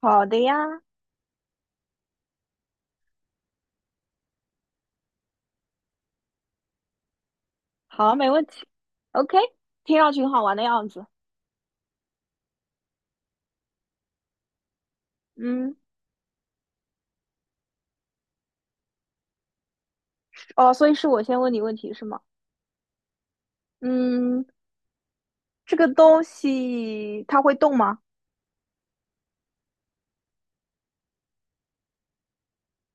好的呀。好，没问题。OK，听上去很好玩的样子。嗯，哦，所以是我先问你问题是吗？嗯，这个东西它会动吗？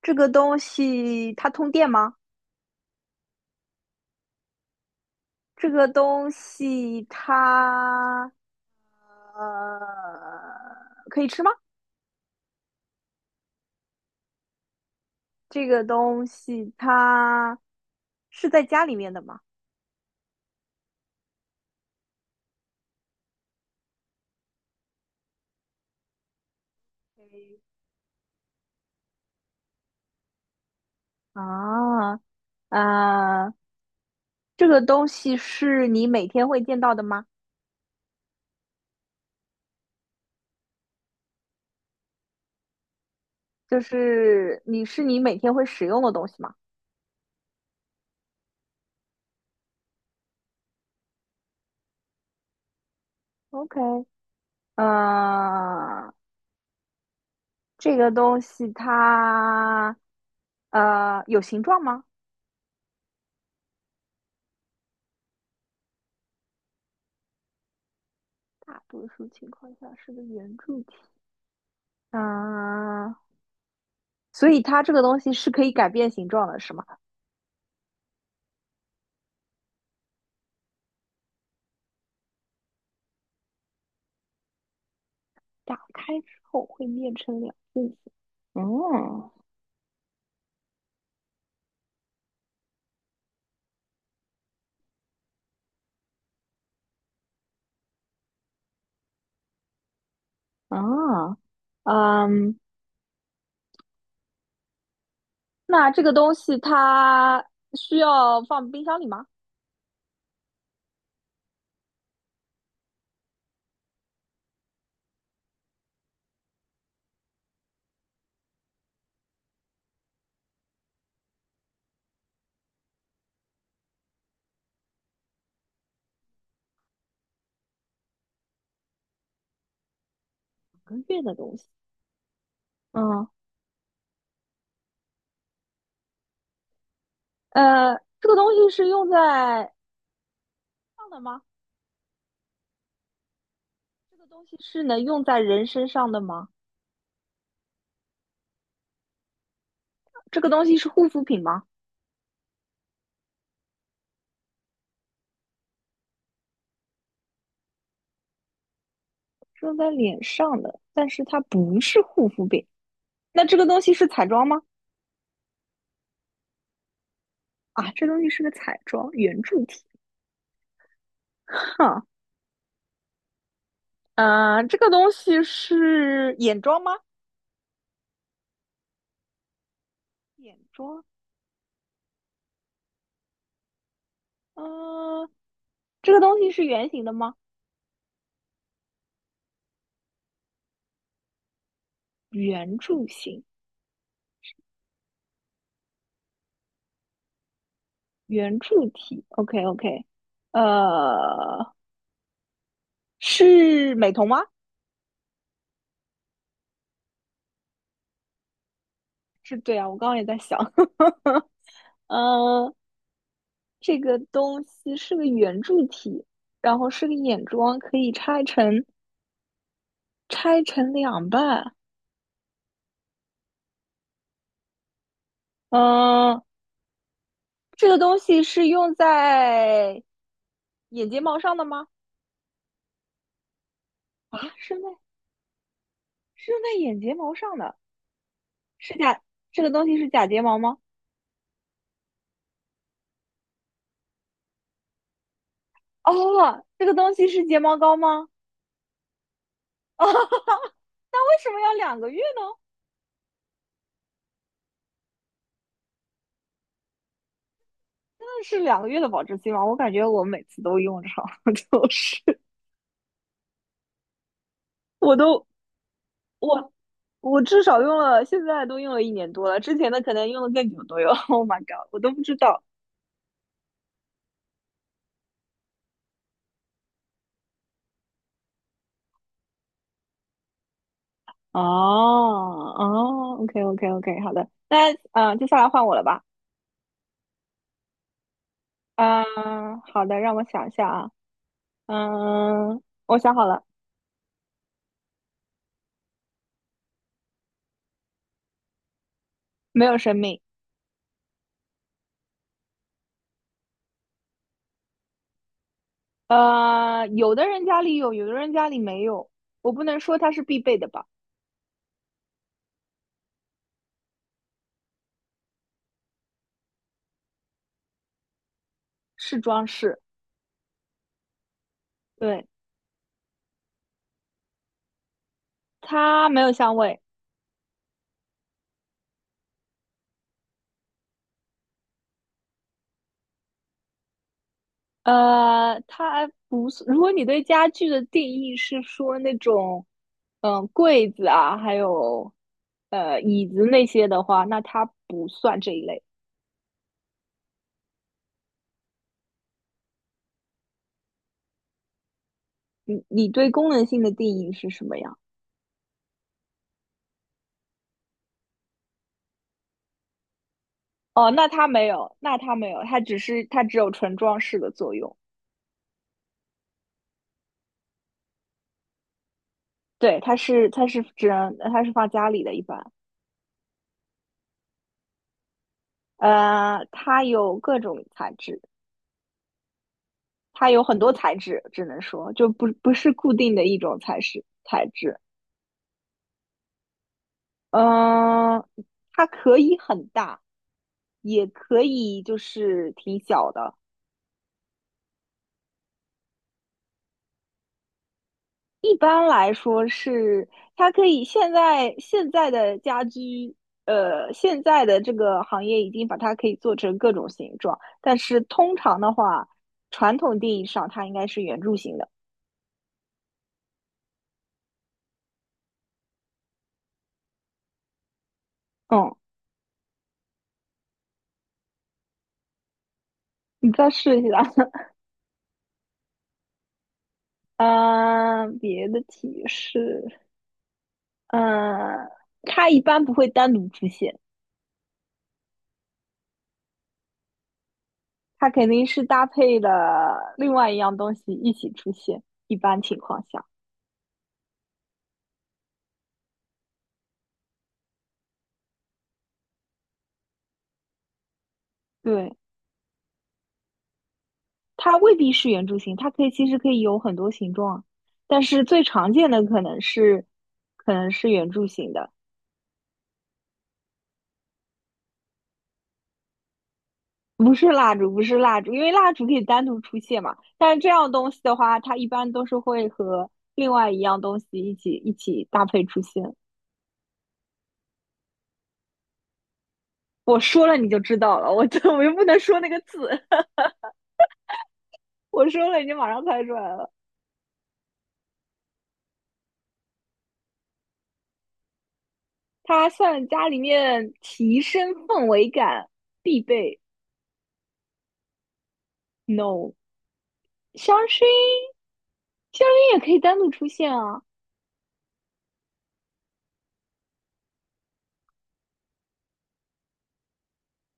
这个东西它通电吗？这个东西它呃可以吃吗？这个东西它是在家里面的吗？啊，啊，这个东西是你每天会见到的吗？就是你每天会使用的东西吗？OK，呃，这个东西它有形状吗？大多数情况下是个圆柱体。嗯、呃所以它这个东西是可以改变形状的，是吗？打开之后会变成两部分。哦，啊，嗯，那这个东西它需要放冰箱里吗？两个月的东西，嗯，呃，这个东西是用在上的吗？这个东西是能用在人身上的吗？这个东西是护肤品吗？是用在脸上的，但是它不是护肤品。那这个东西是彩妆吗？啊，这东西是个彩妆圆柱体。哈，啊，这个东西是眼妆吗？眼妆。呃，这个东西是圆形的吗？圆柱形，圆柱体。OK OK。呃，是美瞳吗？是对啊，我刚刚也在想。嗯，这个东西是个圆柱体，然后是个眼妆，可以拆成两半。嗯、这个东西是用在眼睫毛上的吗？啊，是用在眼睫毛上的。是假，这个东西是假睫毛吗？哦，这个东西是睫毛膏吗？哦，那为什么要两个月呢？真的是两个月的保质期吗？我感觉我每次都用上，就是我都我我至少用了，现在都用了1年多了，之前的可能用的更久都有。Oh my god，我都不知道。哦哦，OK OK OK，好的，那接下来换我了吧？嗯、好的，让我想一下啊，嗯、我想好了。没有生命。有的人家里有，有的人家里没有，我不能说它是必备的吧。是装饰。对，它没有香味。它不是，如果你对家具的定义是说那种，嗯，柜子啊，还有椅子那些的话，那它不算这一类。你对功能性的定义是什么呀？哦，那它没有，那它没有，它只有纯装饰的作用。对，它是放家里的，一般。它有各种材质。它有很多材质，只能说就不是固定的一种材质。嗯，它可以很大，也可以就是挺小的。一般来说是，它可以现在的家居，现在的这个行业已经把它可以做成各种形状，但是通常的话，传统定义上它应该是圆柱形的。嗯，你再试一下。嗯，别的提示，嗯，它一般不会单独出现。它肯定是搭配的另外一样东西一起出现，一般情况下。对，它未必是圆柱形，它可以其实可以有很多形状啊，但是最常见的可能是圆柱形的。不是蜡烛，不是蜡烛，因为蜡烛可以单独出现嘛，但是这样东西的话，它一般都是会和另外一样东西一起搭配出现。我说了你就知道了，我这 我又不能说那个字，我说了你就马上猜出来了。它算家里面提升氛围感必备。No，香薰，香薰也可以单独出现啊。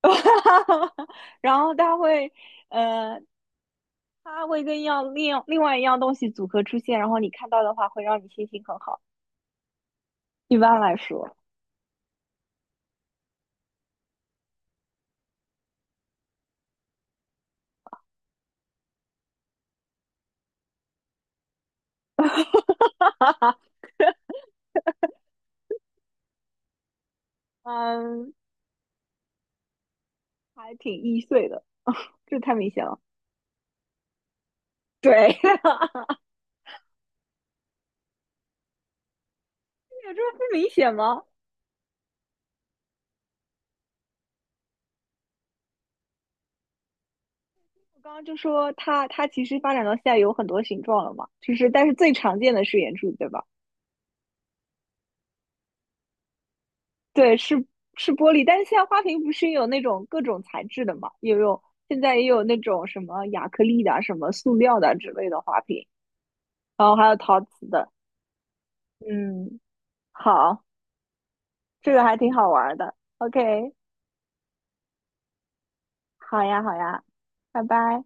然后它会，呃，跟一样另另外一样东西组合出现，然后你看到的话会让你心情很好。一般来说，嗯，还挺易碎的，这太明显了。对，有这么不明显吗？我刚刚就说它，它其实发展到现在有很多形状了嘛，就是但是最常见的是圆柱，对吧？对，是玻璃，但是现在花瓶不是也有那种各种材质的嘛？现在也有那种什么亚克力的啊什么塑料的啊之类的花瓶，然后还有陶瓷的。嗯，好，这个还挺好玩儿的。OK，好呀，好呀，拜拜。